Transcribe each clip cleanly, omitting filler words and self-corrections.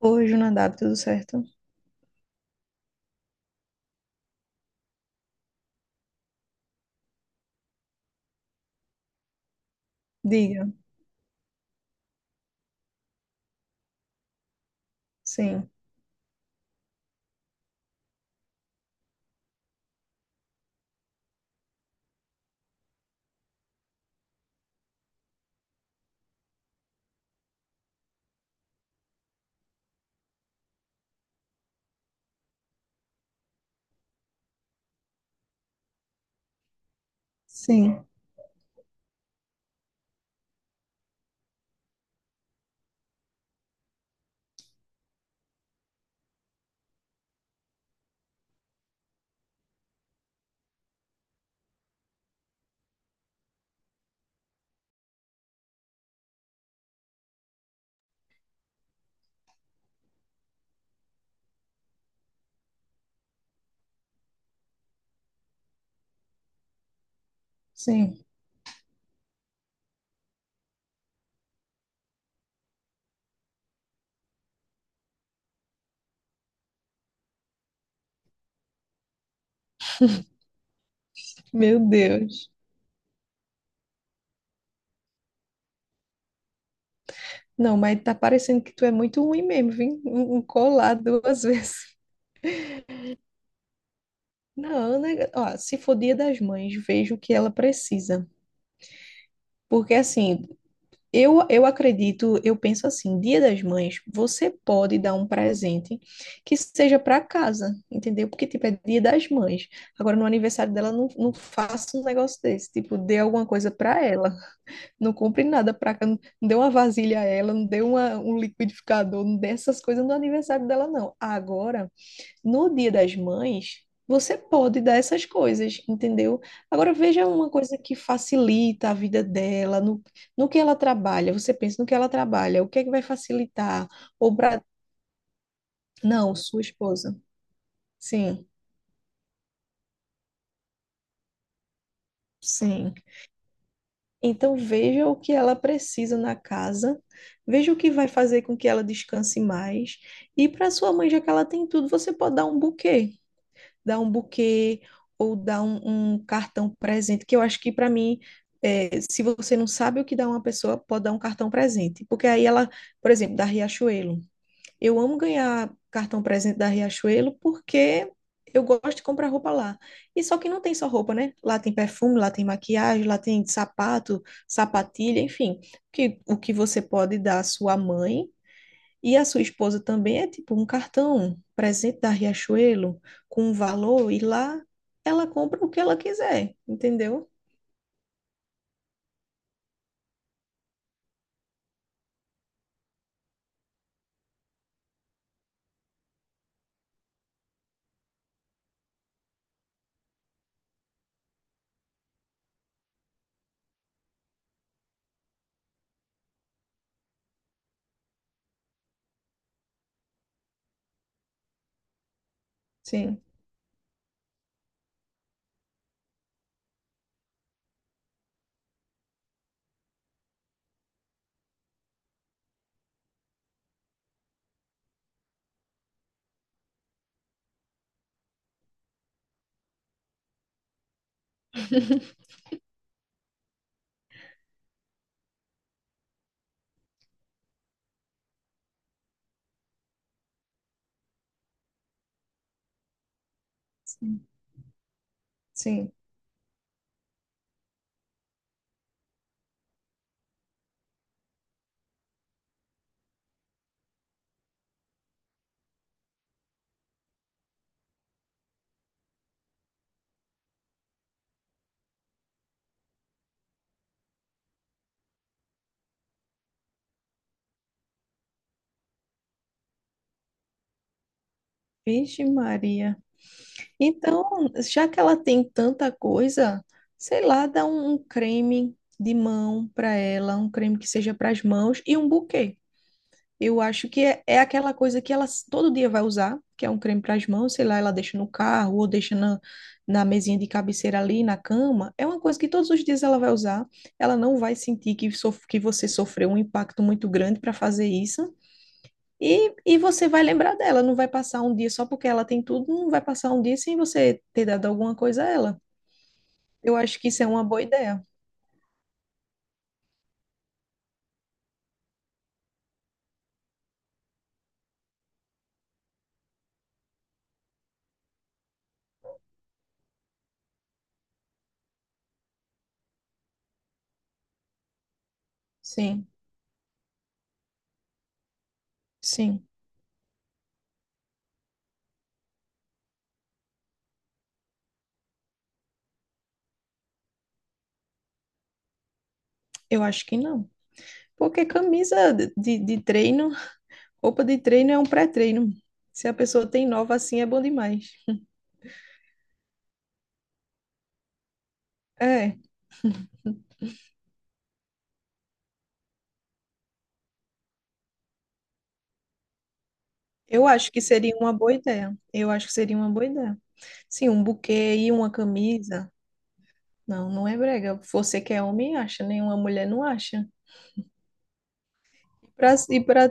Hoje o Nadab, tudo certo? Diga. Sim, sim, sim. Meu Deus. Não, mas tá parecendo que tu é muito ruim mesmo, viu? Um colar duas vezes. Não, né? Ó, se for Dia das Mães, vejo o que ela precisa. Porque assim, eu acredito, eu penso assim, Dia das Mães, você pode dar um presente que seja para casa, entendeu? Porque, tipo, é Dia das Mães. Agora, no aniversário dela, não, não faça um negócio desse, tipo, dê alguma coisa para ela. Não compre nada pra cá, não dê uma vasilha a ela, não dê uma, um liquidificador, não dê essas coisas no aniversário dela, não. Agora, no Dia das Mães, você pode dar essas coisas, entendeu? Agora, veja uma coisa que facilita a vida dela, no que ela trabalha. Você pensa no que ela trabalha, o que é que vai facilitar? Ou pra... Não, sua esposa. Sim, sim. Então veja o que ela precisa na casa, veja o que vai fazer com que ela descanse mais. E para sua mãe, já que ela tem tudo, você pode dar um buquê ou dar um, um cartão presente, que eu acho que para mim, é, se você não sabe o que dá uma pessoa, pode dar um cartão presente, porque aí ela, por exemplo, da Riachuelo. Eu amo ganhar cartão presente da Riachuelo porque eu gosto de comprar roupa lá. E só que não tem só roupa, né? Lá tem perfume, lá tem maquiagem, lá tem sapato, sapatilha, enfim. Que, o que você pode dar à sua mãe e à sua esposa também é tipo um cartão um presente da Riachuelo com um valor e lá ela compra o que ela quiser, entendeu? Sim, sim. Sim. Vixe Maria. Então, já que ela tem tanta coisa, sei lá, dá um, um creme de mão para ela, um creme que seja para as mãos e um buquê. Eu acho que é, é aquela coisa que ela s- todo dia vai usar, que é um creme para as mãos, sei lá, ela deixa no carro ou deixa na, na mesinha de cabeceira ali, na cama. É uma coisa que todos os dias ela vai usar. Ela não vai sentir que, sof que você sofreu um impacto muito grande para fazer isso. E você vai lembrar dela, não vai passar um dia só porque ela tem tudo, não vai passar um dia sem você ter dado alguma coisa a ela. Eu acho que isso é uma boa ideia. Sim, sim, eu acho que não. Porque camisa de, de treino, roupa de treino é um pré-treino. Se a pessoa tem nova assim, é bom demais. É, eu acho que seria uma boa ideia. Eu acho que seria uma boa ideia. Sim, um buquê e uma camisa. Não, não é brega. Você que é homem acha, nenhuma mulher não acha. Pra- e para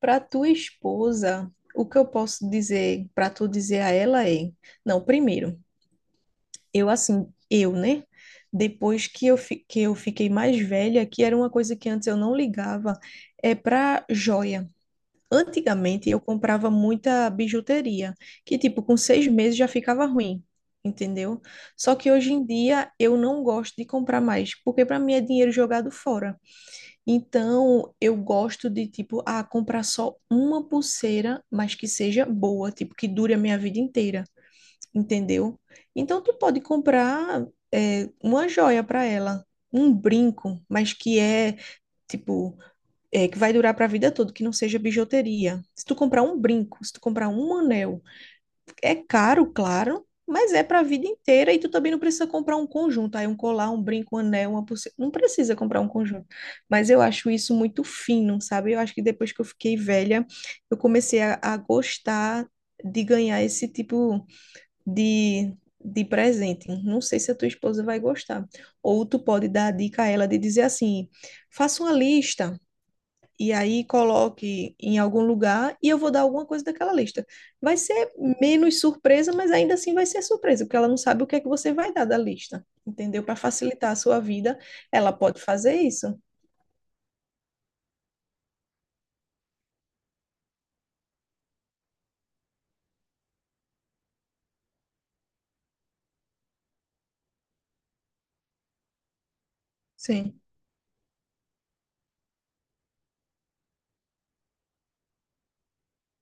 Para tua esposa, o que eu posso dizer para tu dizer a ela é, não, primeiro, eu assim, eu, né? Depois que eu, fi- que eu fiquei mais velha, que era uma coisa que antes eu não ligava, é para joia. Antigamente eu comprava muita bijuteria, que tipo, com 6 meses já ficava ruim, entendeu? Só que hoje em dia eu não gosto de comprar mais, porque para mim é dinheiro jogado fora. Então, eu gosto de, tipo, ah, comprar só uma pulseira, mas que seja boa, tipo, que dure a minha vida inteira, entendeu? Então, tu pode comprar, é, uma joia para ela, um brinco, mas que é, tipo, é, que vai durar para a vida toda, que não seja bijuteria. Se tu comprar um brinco, se tu comprar um anel, é caro, claro, mas é para a vida inteira e tu também não precisa comprar um conjunto, aí um colar, um brinco, um anel, uma pulseira, não precisa comprar um conjunto. Mas eu acho isso muito fino, sabe? Eu acho que depois que eu fiquei velha, eu comecei a gostar de ganhar esse tipo de de presente. Não sei se a tua esposa vai gostar. Ou tu pode dar a dica a ela de dizer assim: faça uma lista e aí coloque em algum lugar e eu vou dar alguma coisa daquela lista. Vai ser menos surpresa, mas ainda assim vai ser surpresa, porque ela não sabe o que é que você vai dar da lista, entendeu? Para facilitar a sua vida, ela pode fazer isso. Sim,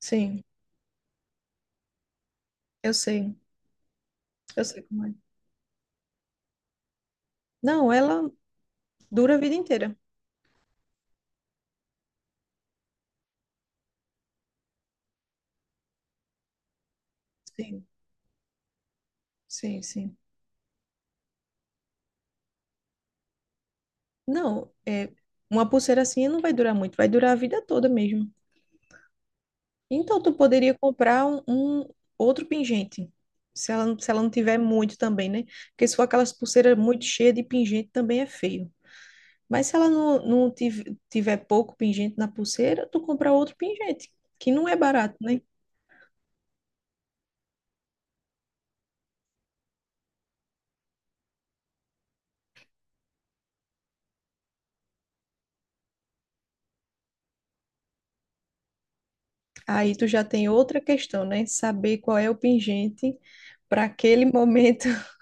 sim, eu sei, eu sei como é. Não, ela dura a vida inteira. Sim, sim, sim. Não, é, uma pulseira assim não vai durar muito, vai durar a vida toda mesmo. Então, tu poderia comprar um, um outro pingente. Se ela, não- se ela não tiver muito também, né? Porque se for aquelas pulseiras muito cheias de pingente, também é feio. Mas se ela não, não tiv- tiver pouco pingente na pulseira, tu compra outro pingente, que não é barato, né? Aí tu já tem outra questão, né? Saber qual é o pingente para aquele momento.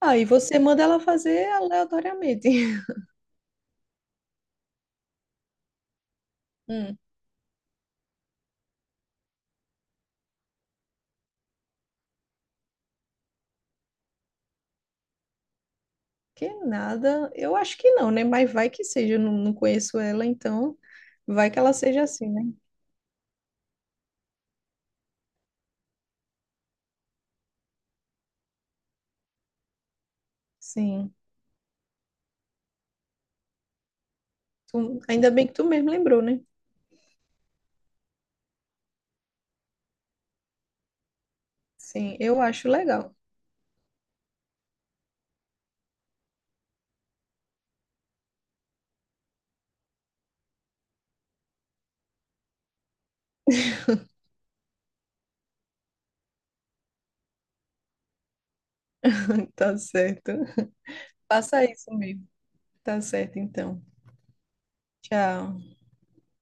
Aí você manda ela fazer aleatoriamente. Hum. Que nada, eu acho que não, né? Mas vai que seja, eu não, não conheço ela, então vai que ela seja assim, né? Sim. Tu- ainda bem que tu mesmo lembrou, né? Sim, eu acho legal. Tá certo. Faça isso mesmo. Tá certo, então. Tchau.